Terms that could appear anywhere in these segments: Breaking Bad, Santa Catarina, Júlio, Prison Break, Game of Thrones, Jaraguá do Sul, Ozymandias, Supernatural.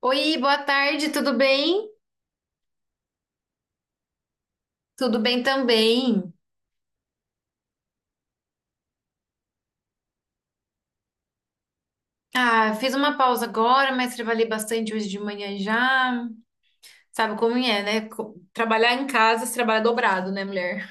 Oi, boa tarde, tudo bem? Tudo bem também. Ah, fiz uma pausa agora, mas trabalhei bastante hoje de manhã já. Sabe como é, né? Trabalhar em casa, você trabalha dobrado, né, mulher?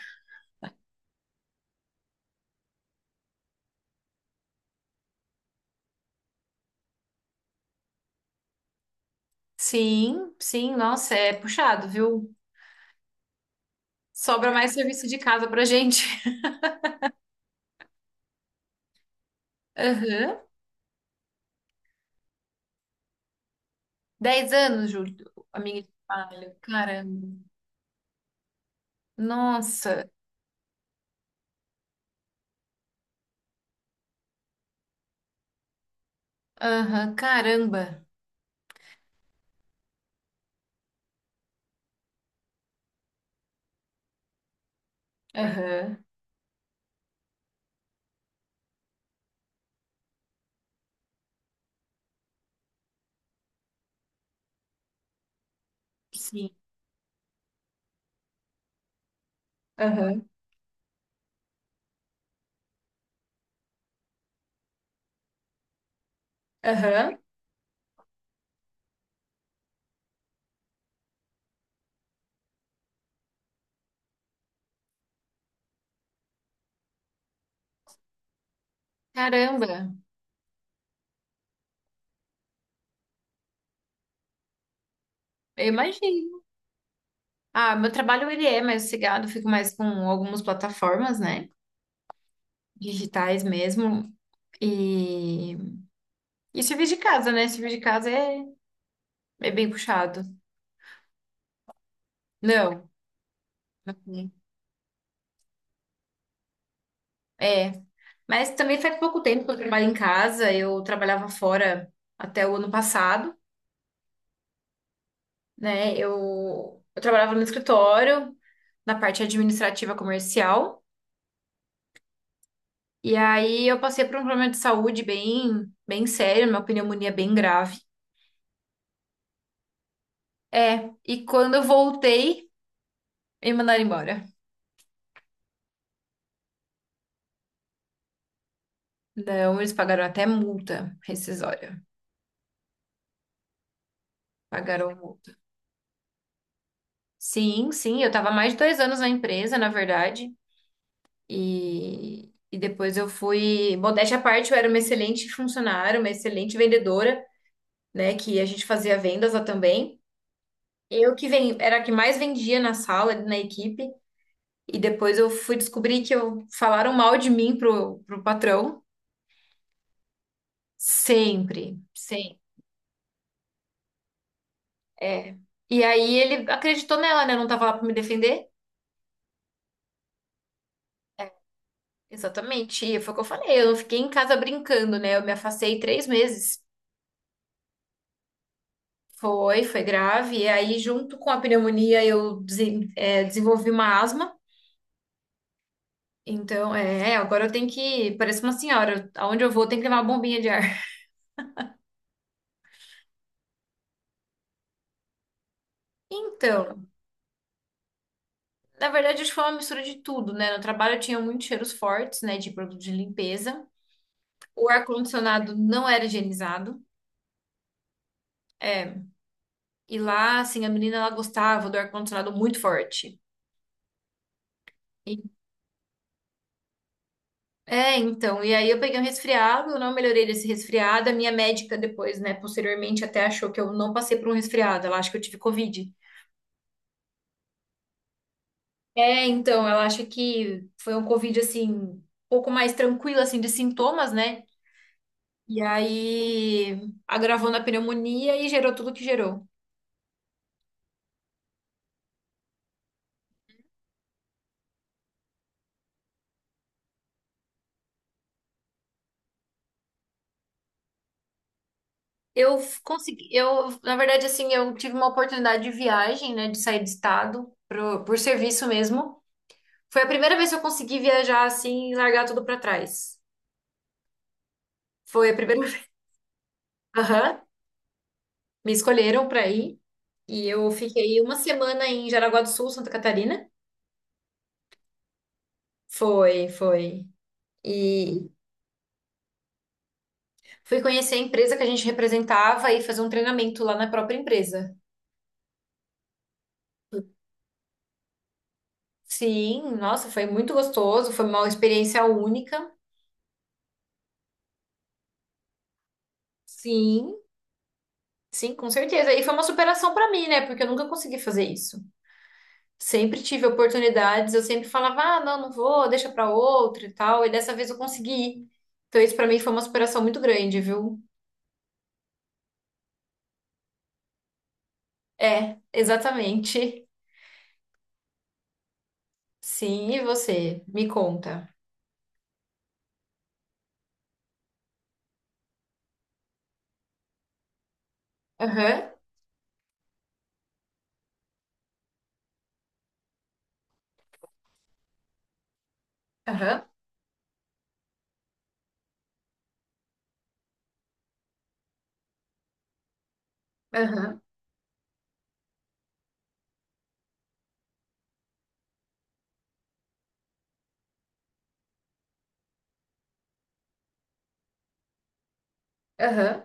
Sim, sim, nossa, é puxado, viu? Sobra mais serviço de casa pra gente. Aham. 10 anos, Júlio, amiga de trabalho. Caramba. Nossa. Aham, caramba. Aham. Sim. Aham. Aham. Caramba. Eu imagino. Ah, meu trabalho ele é mais sossegado, fico mais com algumas plataformas, né? Digitais mesmo. E, e serviço de casa, né? Serviço de casa é bem puxado. Não, assim, é. Mas também faz pouco tempo que eu trabalho em casa. Eu trabalhava fora até o ano passado, né? Eu trabalhava no escritório, na parte administrativa comercial. E aí eu passei por um problema de saúde bem, bem sério, uma pneumonia é bem grave. É, e quando eu voltei, e mandaram embora. Não, eles pagaram até multa rescisória. Pagaram multa. Sim, sim, eu tava há mais de 2 anos na empresa, na verdade. E depois eu fui. Modéstia à parte, eu era uma excelente funcionária, uma excelente vendedora, né? Que a gente fazia vendas lá também. Eu que era a que mais vendia na sala, na equipe. E depois eu fui descobrir que eu falaram mal de mim pro patrão. Sempre, sempre. É. E aí ele acreditou nela, né? Eu não tava lá pra me defender. Exatamente, e foi o que eu falei, eu não fiquei em casa brincando, né? Eu me afastei 3 meses. Foi, foi grave. E aí, junto com a pneumonia, eu desenvolvi uma asma. Então, é, agora eu tenho que. Parece uma senhora, aonde eu vou, tem que levar uma bombinha de ar. Então, na verdade, acho que foi uma mistura de tudo, né? No trabalho eu tinha muitos cheiros fortes, né, de produto de limpeza. O ar-condicionado não era higienizado. É, e lá, assim, a menina, ela gostava do ar-condicionado muito forte. É, então, e aí eu peguei um resfriado, eu não melhorei desse resfriado. A minha médica depois, né, posteriormente até achou que eu não passei por um resfriado, ela acha que eu tive Covid. É, então, ela acha que foi um Covid, assim, um pouco mais tranquilo, assim, de sintomas, né? E aí agravou na pneumonia e gerou tudo que gerou. Eu consegui, eu, na verdade, assim, eu tive uma oportunidade de viagem, né, de sair do estado, pro, por serviço mesmo. Foi a primeira vez que eu consegui viajar, assim, e largar tudo pra trás. Foi a primeira. Aham, me escolheram para ir e eu fiquei uma semana em Jaraguá do Sul, Santa Catarina. Foi, foi. E fui conhecer a empresa que a gente representava e fazer um treinamento lá na própria empresa. Sim, nossa, foi muito gostoso, foi uma experiência única. Sim, sim, com certeza. E foi uma superação para mim, né? Porque eu nunca consegui fazer isso. Sempre tive oportunidades, eu sempre falava, ah, não, não vou, deixa para outro e tal. E dessa vez eu consegui. Então isso para mim foi uma superação muito grande, viu? É, exatamente. Sim, e você? Me conta. Aham, aham, aham, aham,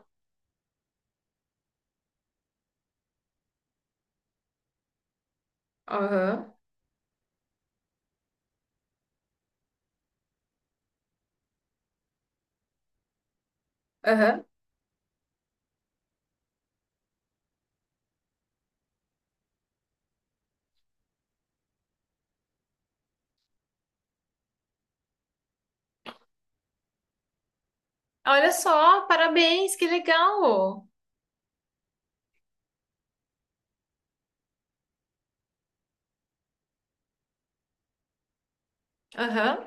aham, aham. Olha só, parabéns, que legal! Aham.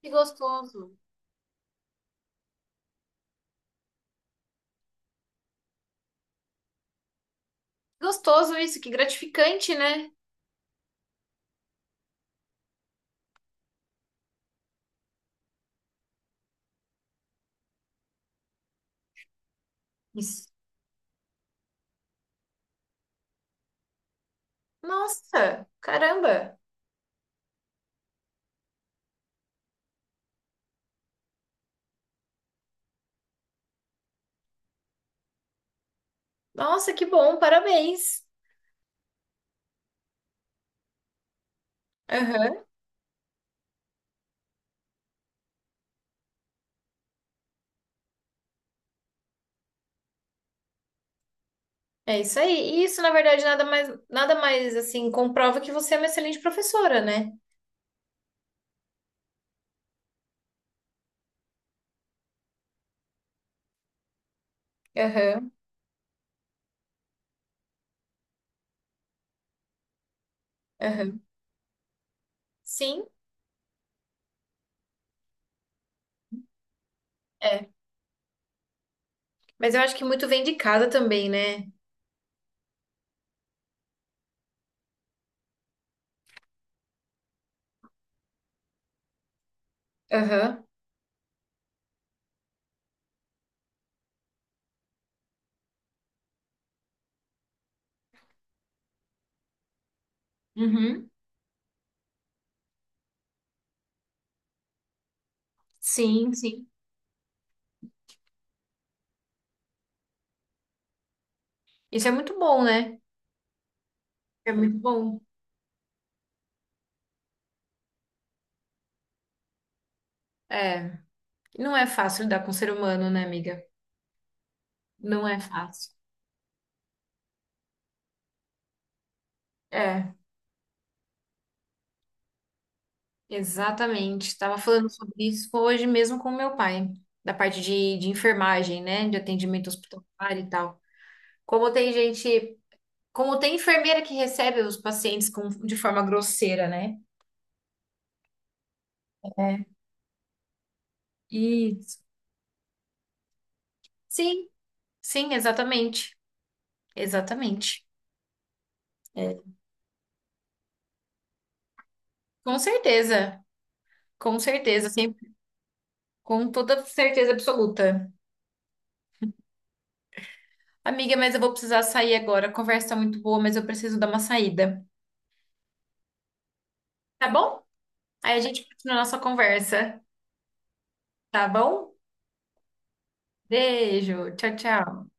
Que gostoso. Gostoso isso, que gratificante, né? Isso. Nossa, caramba. Nossa, que bom, parabéns. Aham, é isso aí. E isso, na verdade, nada mais, nada mais assim, comprova que você é uma excelente professora, né? Aham, aham. Sim, é. Mas eu acho que muito vem de casa também, né? Aham. Uhum. Sim, sim. Isso é muito bom, né? É muito bom. É. Não é fácil lidar com o ser humano, né, amiga? Não é fácil. É, exatamente. Estava falando sobre isso hoje mesmo com meu pai, da parte de enfermagem, né? De atendimento hospitalar e tal. Como tem gente, como tem enfermeira que recebe os pacientes com, de forma grosseira, né? É. Isso. Sim, sim, exatamente. Exatamente. Com certeza, com certeza, sempre, com toda certeza absoluta. Amiga, mas eu vou precisar sair agora. A conversa tá muito boa, mas eu preciso dar uma saída. Tá bom? Aí a gente continua a nossa conversa, tá bom? Beijo, tchau, tchau.